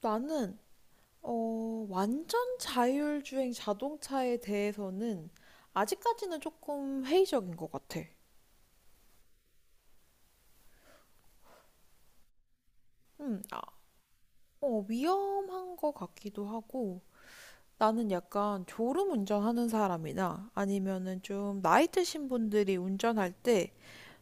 나는 완전 자율주행 자동차에 대해서는 아직까지는 조금 회의적인 것 같아. 음, 아, 위험한 것 같기도 하고 나는 약간 졸음 운전하는 사람이나 아니면은 좀 나이 드신 분들이 운전할 때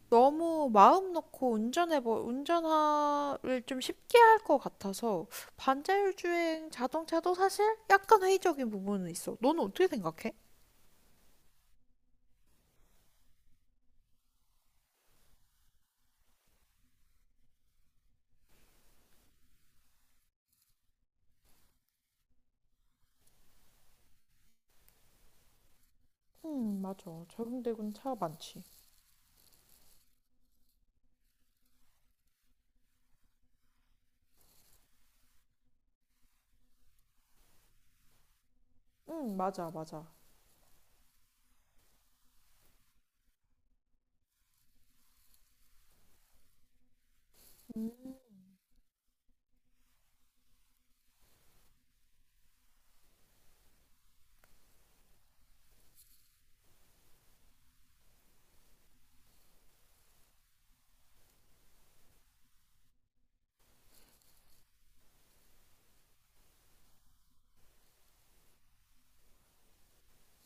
너무 마음 놓고 운전을 좀 쉽게 할 것 같아서 반자율주행 자동차도 사실 약간 회의적인 부분은 있어. 너는 어떻게 생각해? 응, 맞아. 적용되고는 차 많지. 응, 맞아, 맞아.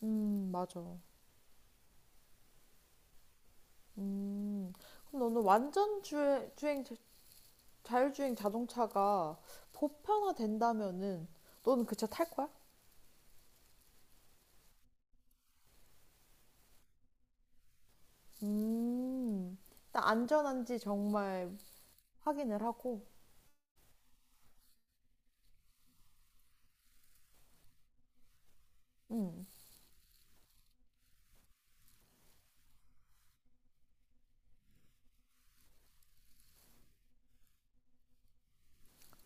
맞아. 음, 그럼 너는 완전 주행, 주행, 자- 자율주행 자동차가 보편화된다면은 너는 그 차 탈 거야? 음, 일단 안전한지 정말 확인을 하고, 음,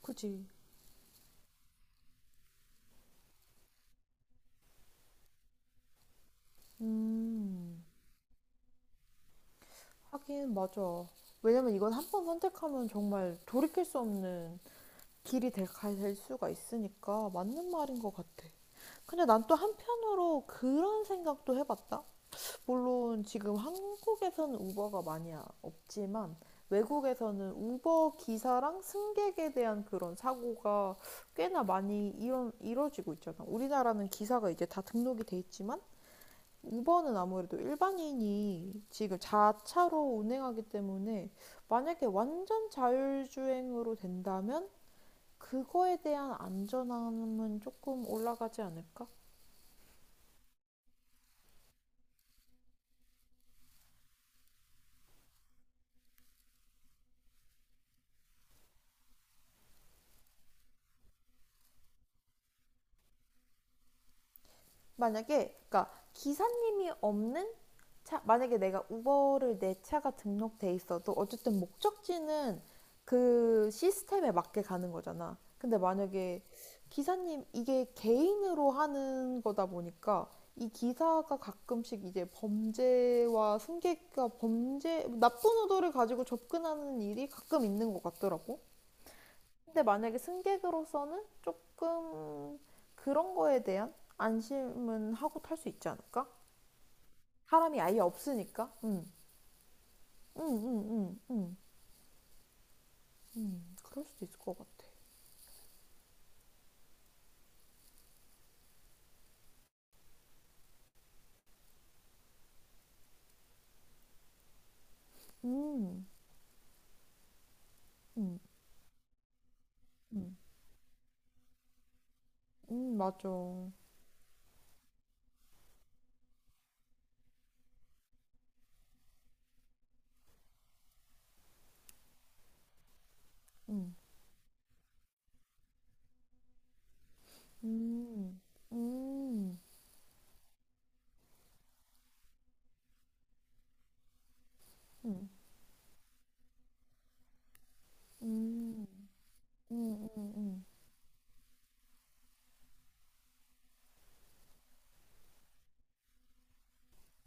그지. 음, 하긴 맞아. 왜냐면 이건 한 번 선택하면 정말 돌이킬 수 없는 갈 수가 있으니까 맞는 말인 것 같아. 근데 난 또 한편으로 그런 생각도 해봤다. 물론 지금 한국에서는 우버가 많이 없지만 외국에서는 우버 기사랑 승객에 대한 그런 사고가 꽤나 많이 이런 이뤄지고 있잖아. 우리나라는 기사가 이제 다 등록이 돼 있지만 우버는 아무래도 일반인이 지금 자차로 운행하기 때문에 만약에 완전 자율주행으로 된다면 그거에 대한 안전함은 조금 올라가지 않을까? 만약에 그러니까 기사님이 없는 차 만약에 내가 우버를 내 차가 등록돼 있어도 어쨌든 목적지는 그 시스템에 맞게 가는 거잖아. 근데 만약에 기사님 이게 개인으로 하는 거다 보니까 이 기사가 가끔씩 이제 범죄와 승객과 범죄 나쁜 의도를 가지고 접근하는 일이 가끔 있는 것 같더라고. 근데 만약에 승객으로서는 조금 그런 거에 대한 안심은 하고 탈 수 있지 않을까? 사람이 아예 없으니까. 음, 음, 음, 음, 그럴 수도 있을 것 같아. 음, 음, 음, 맞아. 음, 음, 음, 음, 음, 음, 음.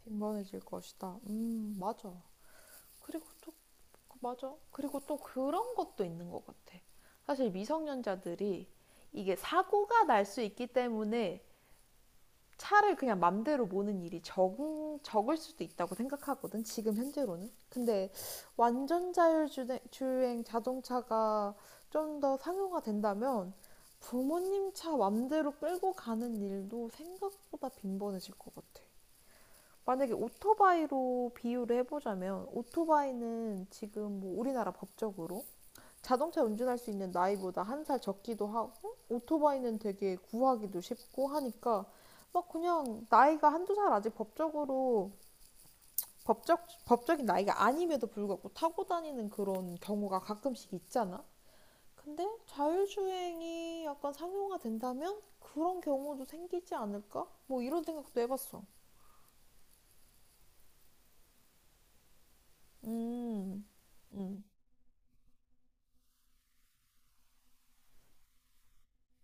빈번해질 것이다. 맞아. 그리고 또 맞아. 그리고 또 그런 것도 있는 것 같아. 사실 미성년자들이 이게 사고가 날 수 있기 때문에 차를 그냥 맘대로 모는 적을 수도 있다고 생각하거든. 지금 현재로는. 근데 완전 자율주행 자동차가 좀 더 상용화된다면 부모님 차 맘대로 끌고 가는 일도 생각보다 빈번해질 것 같아. 만약에 오토바이로 비유를 해보자면 오토바이는 지금 뭐 우리나라 법적으로 자동차 운전할 수 있는 나이보다 한 살 적기도 하고 오토바이는 되게 구하기도 쉽고 하니까 막 그냥 나이가 한두 살 아직 법적으로 법적인 나이가 아님에도 불구하고 타고 다니는 그런 경우가 가끔씩 있잖아. 근데 자율주행이 약간 상용화 된다면 그런 경우도 생기지 않을까? 뭐 이런 생각도 해봤어. 음, 음,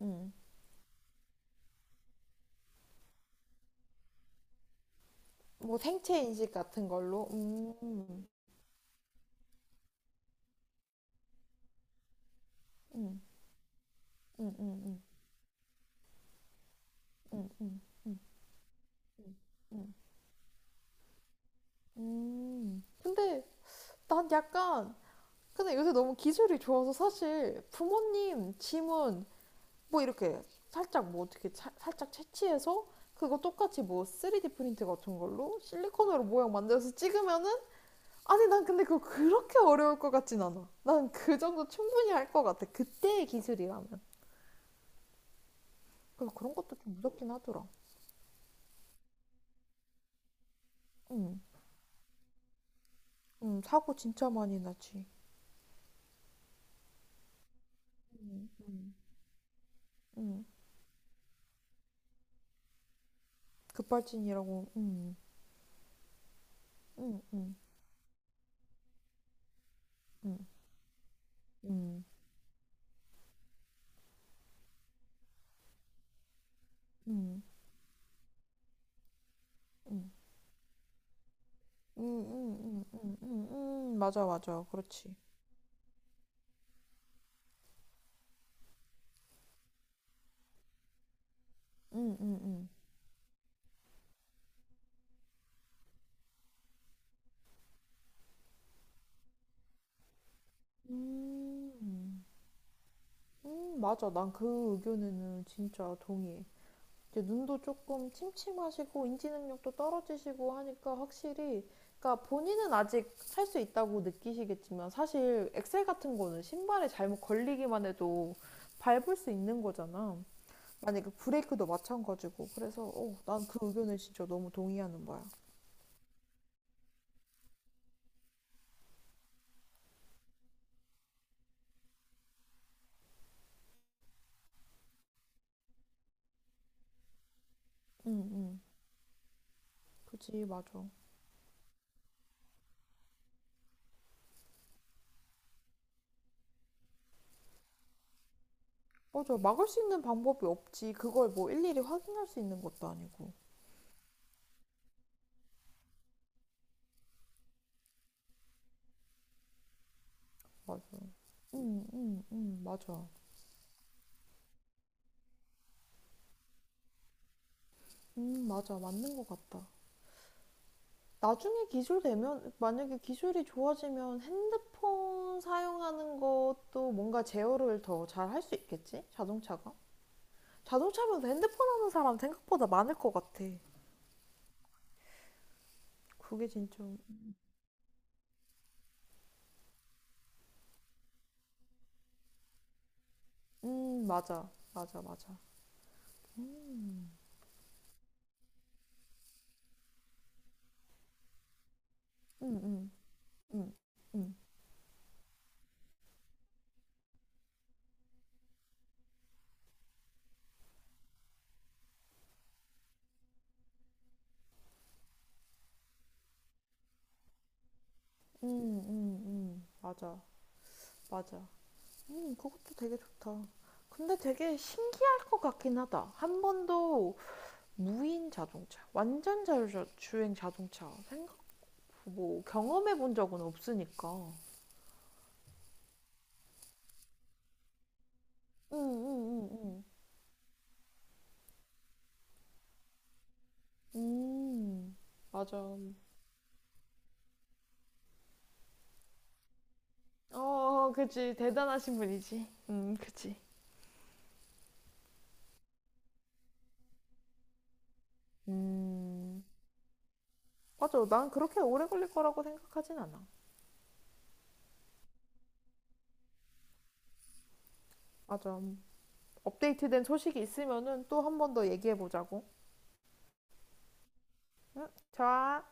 음. 뭐 생체 인식 같은 걸로. 음, 음, 음, 음, 음. 근데 난 약간, 근데 요새 너무 기술이 좋아서 사실 부모님 지문 뭐 이렇게 살짝 채취해서 그거 똑같이 뭐 3D 프린트 같은 걸로 실리콘으로 모양 만들어서 찍으면은 아니 난 근데 그거 그렇게 어려울 것 같진 않아. 난 그 정도 충분히 할 것 같아. 그때의 기술이라면. 그래서 그런 것도 좀 무섭긴 하더라. 음, 사고 진짜 많이 나지. 음, 음, 음. 급발진이라고. 음, 음, 음. 음, 음, 음, 음, 음, 음, 음, 음, 맞아, 맞아, 그렇지. 음, 음, 음, 음, 맞아. 난 그 의견에는 진짜 동의해. 이제 눈도 조금 침침하시고 인지 능력도 떨어지시고 하니까 확실히, 그러니까 본인은 아직 할 수 있다고 느끼시겠지만 사실 엑셀 같은 거는 신발에 잘못 걸리기만 해도 밟을 수 있는 거잖아. 만약에 브레이크도 마찬가지고. 그래서, 난 그 의견에 진짜 너무 동의하는 거야. 응, 응. 그지, 맞아. 맞아. 막을 수 있는 방법이 없지. 그걸 뭐 일일이 확인할 수 있는 것도 아니고. 맞아. 응, 응, 응, 맞아. 맞아. 맞는 것 같다. 나중에 기술되면, 만약에 기술이 좋아지면 핸드폰 사용하는 것도 뭔가 제어를 더 잘 할 수 있겠지? 자동차가? 자동차면 핸드폰 하는 사람 생각보다 많을 것 같아. 그게 진짜. 맞아. 맞아, 맞아. 음, 음, 음, 음, 맞아. 맞아. 그것도 되게 좋다. 근데 되게 신기할 것 같긴 하다. 한 번도 무인 자동차, 완전 자율주행 자동차 생각 뭐 경험해 본 적은 없으니까. 응, 응, 응, 응. 음, 맞아. 어, 그치. 대단하신 분이지. 그치. 음, 맞아. 난 그렇게 오래 걸릴 거라고 생각하진 않아. 맞아. 업데이트된 소식이 있으면은 또 한 번 더 얘기해 보자고. 응? 좋아.